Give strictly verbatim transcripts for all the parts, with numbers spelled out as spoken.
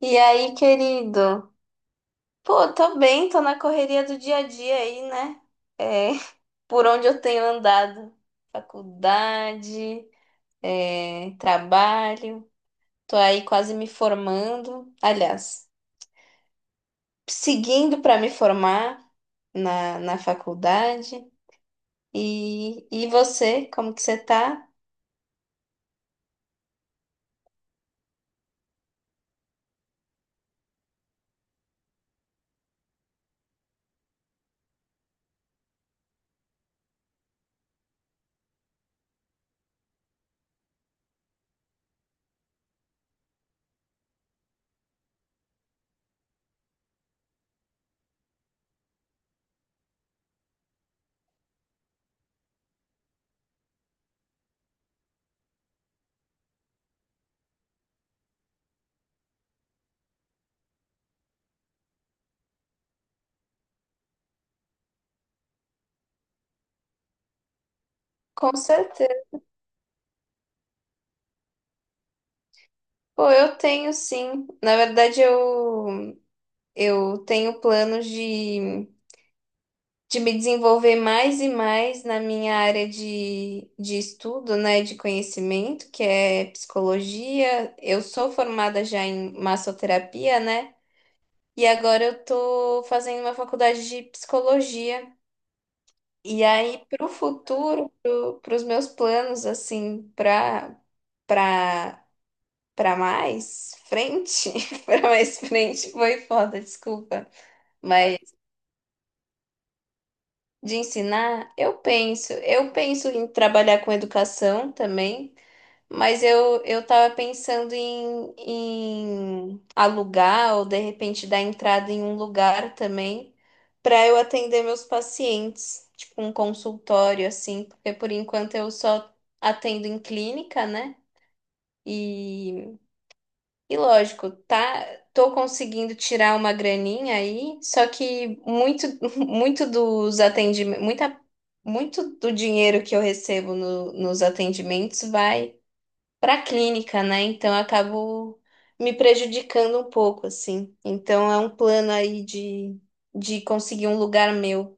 E aí, querido? Pô, tô bem, tô na correria do dia a dia aí, né? É, por onde eu tenho andado? Faculdade, é, trabalho, tô aí quase me formando. Aliás, seguindo para me formar na, na faculdade. E, e você, como que você tá? Com certeza. Pô, eu tenho sim. Na verdade, eu, eu tenho planos de. De me desenvolver mais e mais na minha área de, de estudo, né, de conhecimento, que é psicologia. Eu sou formada já em massoterapia, né? E agora eu tô fazendo uma faculdade de psicologia. E aí, para o futuro, para os meus planos, assim, para para para mais frente, para mais frente, foi foda, desculpa. De ensinar, eu penso, eu penso em trabalhar com educação também, mas eu eu estava pensando em, em alugar ou de repente dar entrada em um lugar também para eu atender meus pacientes, tipo um consultório assim, porque por enquanto eu só atendo em clínica, né? E lógico, tá, tô conseguindo tirar uma graninha aí, só que muito, muito dos atendimentos, muita, muito do dinheiro que eu recebo no- nos atendimentos vai para clínica, né? Então eu acabo me prejudicando um pouco, assim. Então é um plano aí de, de conseguir um lugar meu.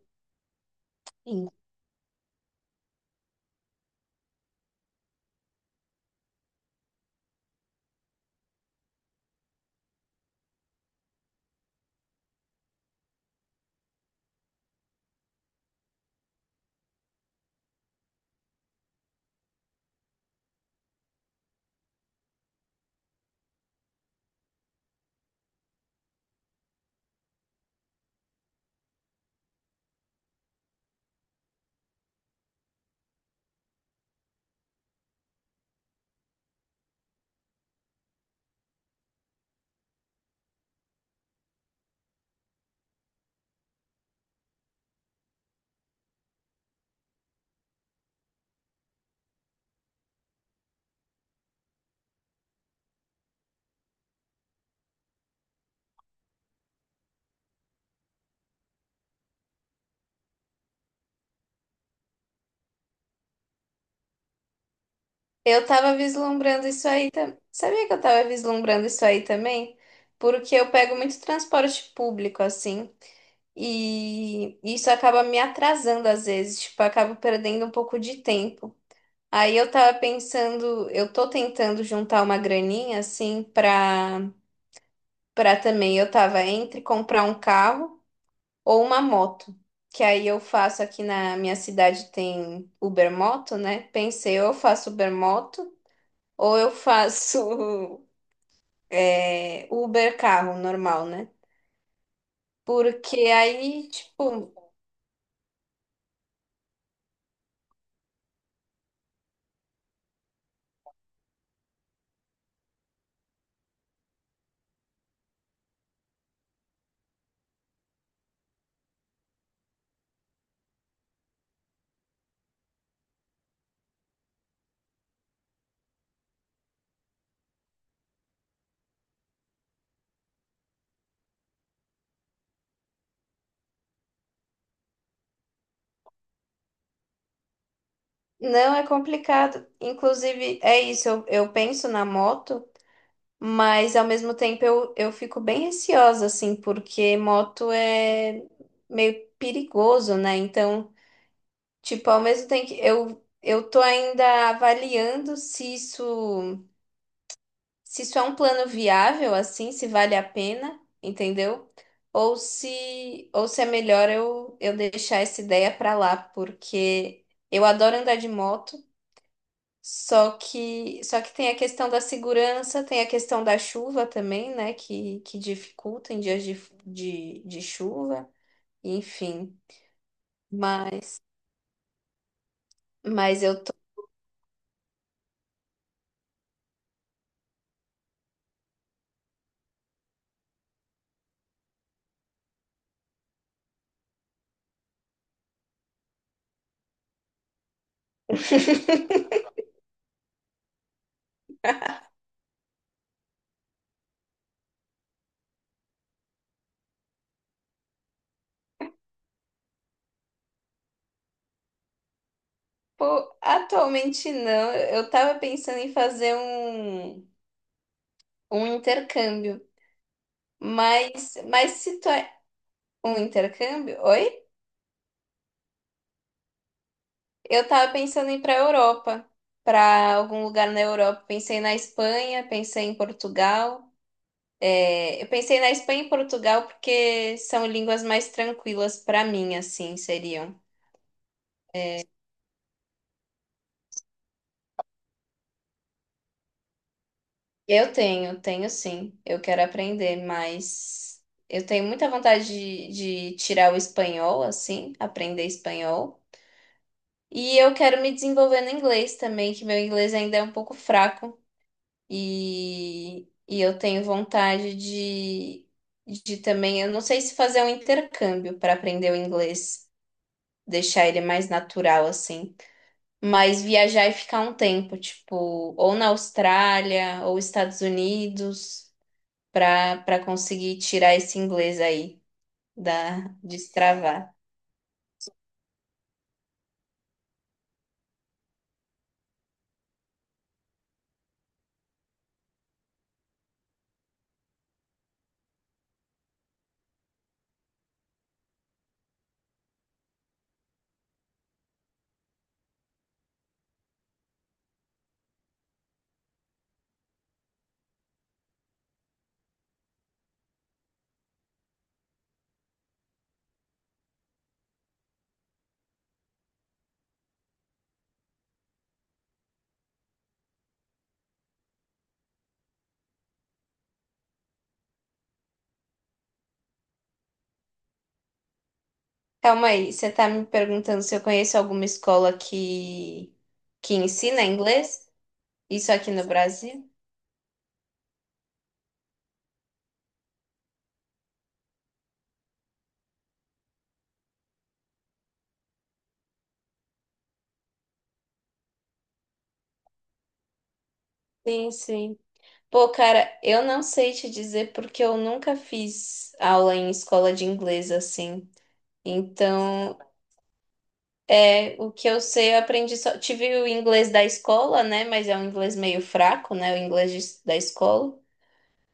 Eu tava vislumbrando isso aí também. Sabia que eu tava vislumbrando isso aí também? Porque eu pego muito transporte público, assim, e isso acaba me atrasando às vezes, tipo, eu acabo perdendo um pouco de tempo. Aí eu tava pensando, eu tô tentando juntar uma graninha, assim, pra, pra também. Eu tava entre comprar um carro ou uma moto. Que aí eu faço aqui na minha cidade tem Ubermoto, né? Pensei, ou eu faço Ubermoto. Ou eu faço é, Uber carro normal, né? Porque aí, tipo, não é complicado. Inclusive, é isso, eu, eu penso na moto, mas ao mesmo tempo eu, eu fico bem receosa, assim, porque moto é meio perigoso, né? Então, tipo, ao mesmo tempo que eu, eu tô ainda avaliando se isso. Se isso é um plano viável, assim, se vale a pena, entendeu? Ou se, ou se é melhor eu, eu deixar essa ideia pra lá, porque eu adoro andar de moto, só que, só que tem a questão da segurança, tem a questão da chuva também, né, que, que dificulta em dias de, de, de chuva, enfim. Mas, mas eu tô. Pô, atualmente não, eu eu tava pensando em fazer um, um intercâmbio. Mas, mas se tu é um intercâmbio, oi? Eu tava pensando em ir pra Europa, pra algum lugar na Europa. Pensei na Espanha, pensei em Portugal. É, eu pensei na Espanha e Portugal porque são línguas mais tranquilas pra mim, assim, seriam. Eu tenho, tenho sim. Eu quero aprender, mas eu tenho muita vontade de, de tirar o espanhol, assim, aprender espanhol. E eu quero me desenvolver no inglês também, que meu inglês ainda é um pouco fraco. E, e eu tenho vontade de, de também, eu não sei se fazer um intercâmbio para aprender o inglês, deixar ele mais natural assim, mas viajar e ficar um tempo, tipo, ou na Austrália ou Estados Unidos, para para conseguir tirar esse inglês aí da destravar. Calma aí, você tá me perguntando se eu conheço alguma escola que que ensina inglês? Isso aqui no Brasil? Sim, sim. Pô, cara, eu não sei te dizer porque eu nunca fiz aula em escola de inglês assim. Então, é, o que eu sei, eu aprendi só. Tive o inglês da escola, né? Mas é um inglês meio fraco, né? O inglês de- da escola.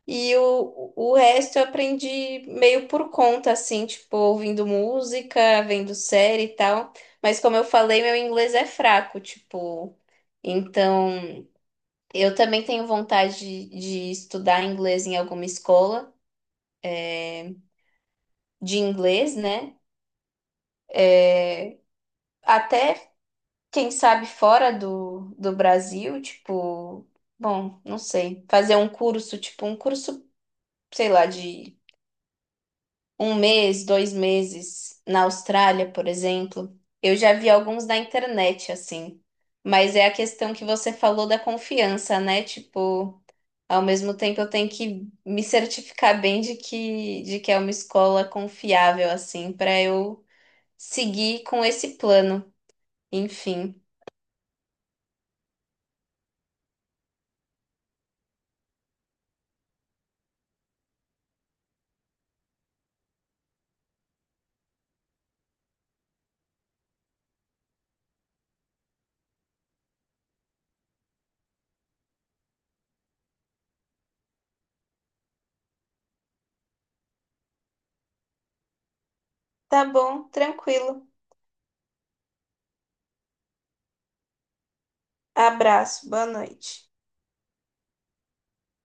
E o, o resto eu aprendi meio por conta, assim, tipo, ouvindo música, vendo série e tal. Mas como eu falei, meu inglês é fraco, tipo. Então, eu também tenho vontade de de estudar inglês em alguma escola. De inglês, né? Até, quem sabe, fora do, do Brasil, tipo, bom, não sei, fazer um curso, tipo, um curso, sei lá, de um mês, dois meses na Austrália, por exemplo. Eu já vi alguns na internet, assim. Mas é a questão que você falou da confiança, né? Tipo, ao mesmo tempo eu tenho que me certificar bem de que, de que é uma escola confiável, assim, para eu seguir com esse plano. Enfim. Tá bom, tranquilo. Abraço, boa noite.